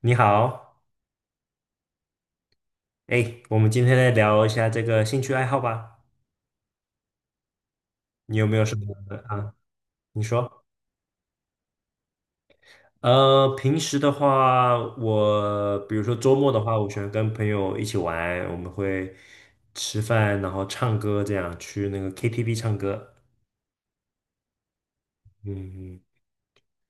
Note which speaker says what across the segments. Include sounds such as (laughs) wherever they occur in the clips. Speaker 1: 你好，哎，我们今天来聊一下这个兴趣爱好吧。你有没有什么啊？你说，平时的话，我比如说周末的话，我喜欢跟朋友一起玩，我们会吃饭，然后唱歌，这样去那个 KTV 唱歌。嗯，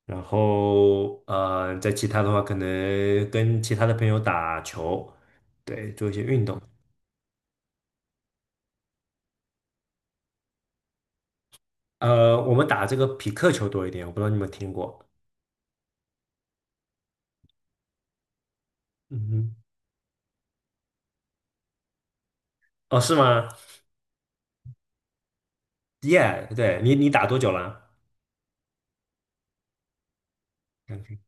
Speaker 1: 然后在其他的话，可能跟其他的朋友打球，对，做一些运动。我们打这个匹克球多一点，我不知道你们听过。嗯哼，哦，是吗？耶，对你打多久了？两天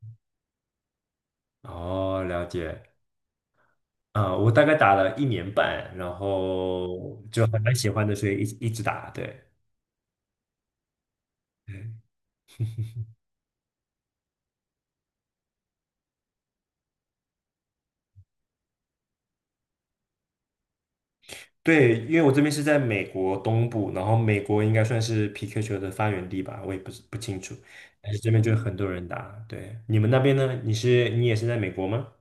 Speaker 1: 哦，了解。啊、我大概打了一年半，然后就还蛮喜欢的，所以一直一直打。对，嗯对，因为我这边是在美国东部，然后美国应该算是皮克球的发源地吧，我也不是不清楚。但是这边就有很多人打。对，你们那边呢？你也是在美国吗？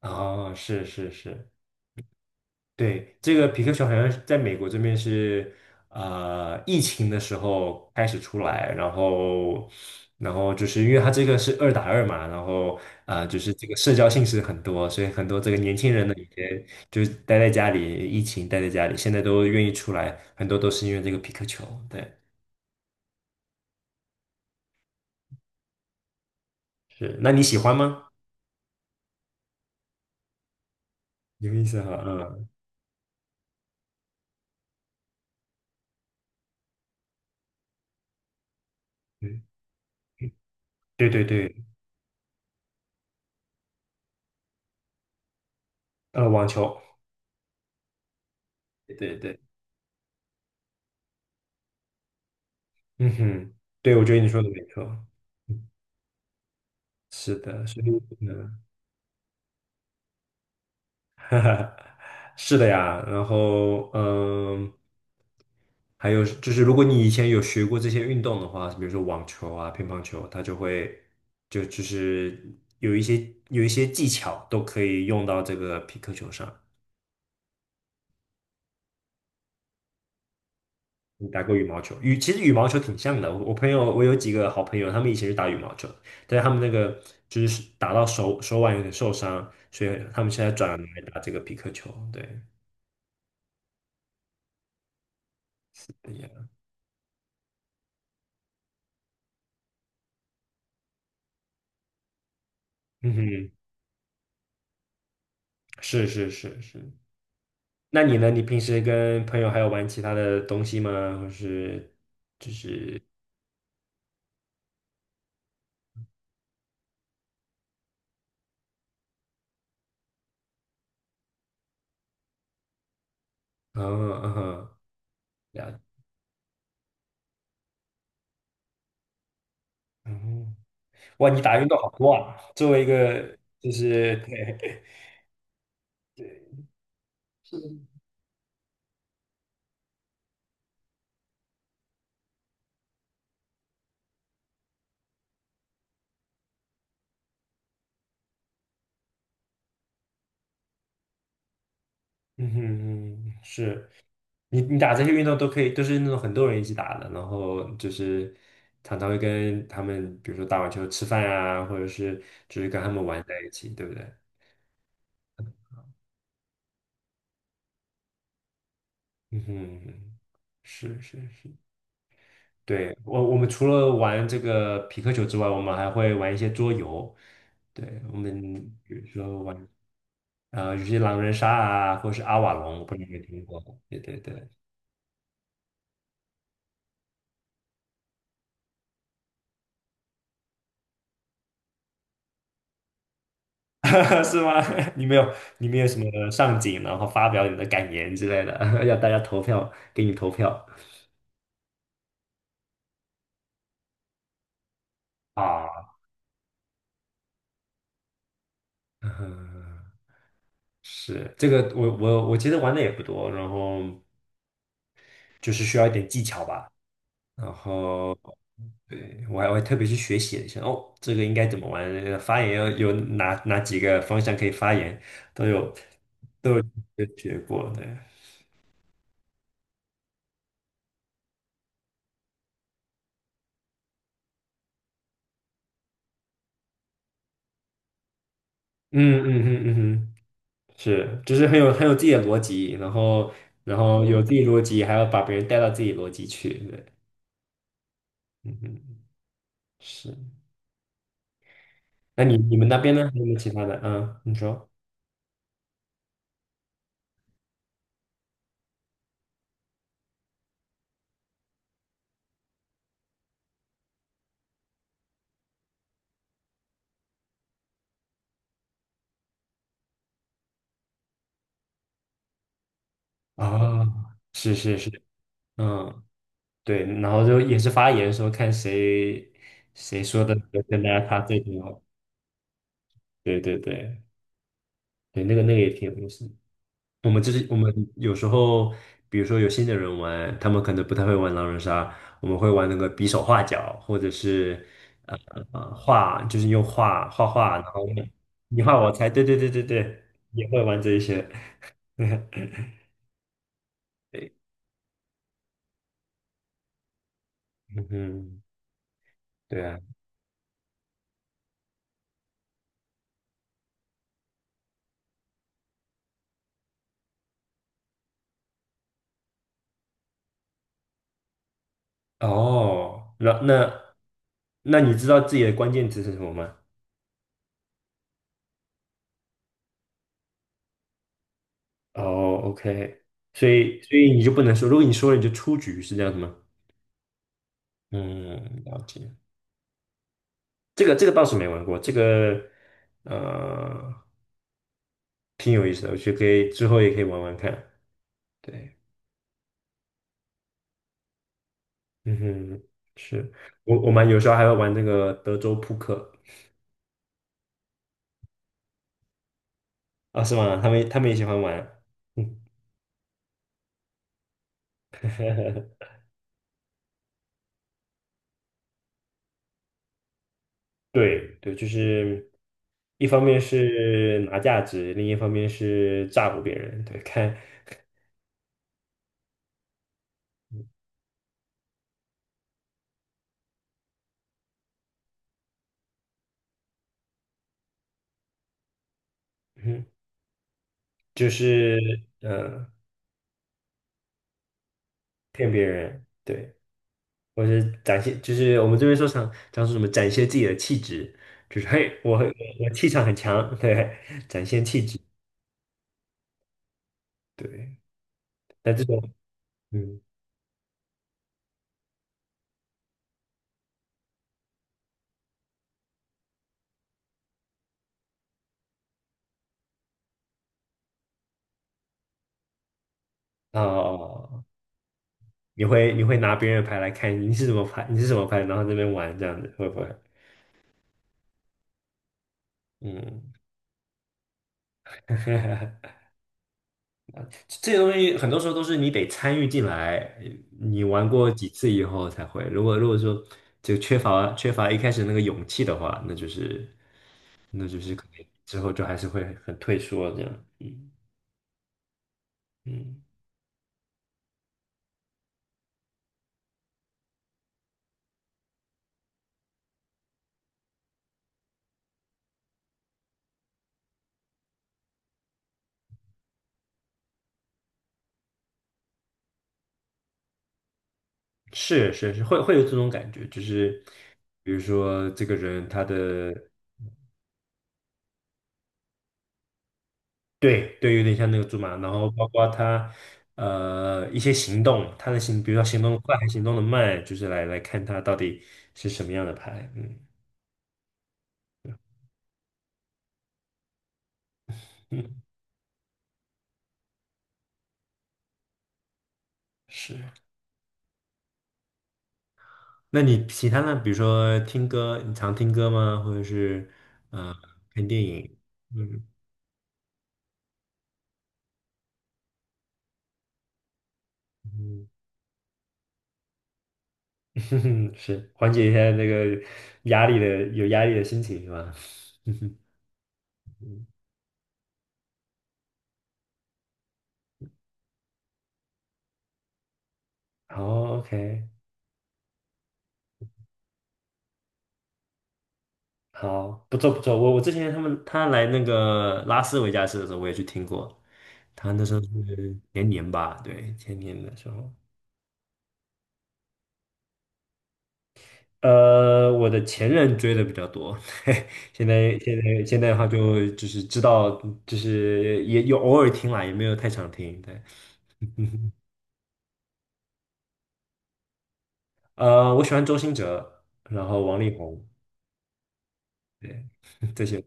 Speaker 1: 啊，是是是，对，这个皮克球好像是在美国这边是，疫情的时候开始出来，然后就是因为它这个是二打二嘛，然后就是这个社交性是很多，所以很多这个年轻人呢，以前就是待在家里，疫情待在家里，现在都愿意出来，很多都是因为这个皮克球。对，是，那你喜欢吗？有意思哈，嗯，嗯对对对，网球，对对对，嗯哼，对，我觉得你说的没错，嗯是的，所以呢。嗯是的呀，然后还有就是，如果你以前有学过这些运动的话，比如说网球啊、乒乓球，它就会就就是有一些技巧都可以用到这个皮克球上。你打过羽毛球？其实羽毛球挺像的。我我朋友我有几个好朋友，他们以前是打羽毛球，但是他们那个就是打到手腕有点受伤，所以他们现在转来打这个皮克球。对，对呀嗯哼，是是是是，那你呢？你平时跟朋友还有玩其他的东西吗？或是，嗯嗯哼，了解，嗯，哇，你打运动好多啊！作为一个就是，(laughs) 对，嗯哼嗯，是你打这些运动都可以，都是那种很多人一起打的，然后就是常常会跟他们，比如说打完球吃饭啊，或者是就是跟他们玩在一起，对不对？嗯哼，是是是。对，我们除了玩这个皮克球之外，我们还会玩一些桌游。对，我们比如说玩有些狼人杀啊，或者是阿瓦隆，我不知道你有没有听过？对对对，(laughs) 是吗？(laughs) 你没有什么上镜，然后发表你的感言之类的，(laughs) 要大家投票，给你投票啊。(laughs) 嗯，是这个我其实玩的也不多，然后就是需要一点技巧吧。然后对，我还会特别去学习了一下，哦，这个应该怎么玩？那个发言要有哪几个方向可以发言，都有都有个学过对，嗯嗯嗯嗯哼，是，就是很有自己的逻辑，然后有自己逻辑，还要把别人带到自己逻辑去，对，嗯嗯是。那你们那边呢？还有没有其他的？嗯，你说啊，是是是，嗯。对，然后就也是发言说看谁说的跟大家差最多。对对对对，那个也挺有意思的。我们有时候，比如说有新的人玩，他们可能不太会玩狼人杀，我们会玩那个比手画脚，或者是呃画，就是用画画画，然后你画我猜，对对对对对，也会玩这一些。(laughs) 对，嗯哼，对啊，哦，那你知道自己的关键词是什么吗？哦，OK，所以你就不能说，如果你说了你就出局，是这样子吗？嗯，了解。这个倒是没玩过，这个呃挺有意思的，我觉得可以之后也可以玩玩看。对，嗯哼，是我们有时候还会玩那个德州扑克啊，是吗？他们也喜欢玩。嗯 (laughs) 对对，就是一方面是拿价值，另一方面是诈唬别人。对，看，嗯，就是呃，骗别人，对，或者是展现，就是我们这边常常说什么展现自己的气质，就是嘿，我气场很强，对，展现气质，对。那这种，嗯，哦，你会拿别人的牌来看你是怎么牌，然后这边玩这样子，会不会？嗯，(laughs) 这些东西很多时候都是你得参与进来，你玩过几次以后才会。如果说就缺乏一开始那个勇气的话，那就是。可能之后就还是会很退缩这样，嗯嗯，是是是，会有这种感觉，就是比如说这个人对对，有点像那个猪马，然后包括他一些行动，他的行，比如说行动得快还行动的慢，就是来看他到底是什么样的牌，嗯嗯，(laughs) 是。那你其他呢？比如说听歌，你常听歌吗？或者是呃看电影？嗯嗯 (laughs) 哼哼，是缓解一下那个压力的有压力的心情是吧？(laughs) 嗯哼，好，OK，好，不错不错。我之前他来那个拉斯维加斯的时候，我也去听过。他那时候是前年吧，对，前年的时候。我的前任追的比较多，(laughs) 现在的话就是知道，就是也有偶尔听啦，也没有太常听。对，我喜欢周兴哲，然后王力宏，对，(laughs) 这些。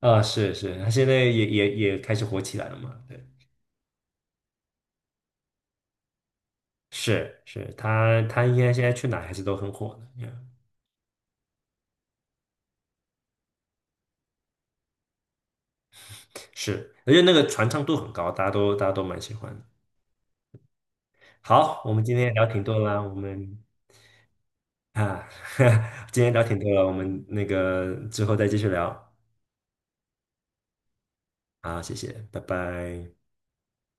Speaker 1: 啊，是是，他现在也开始火起来了嘛？对，是是，他应该现在去哪还是都很火的嗯，是，而且那个传唱度很高，大家都蛮喜欢的。好，我们今天聊挺多啦，我们啊，(laughs) 今天聊挺多了，我们那个之后再继续聊。好，谢谢，拜拜。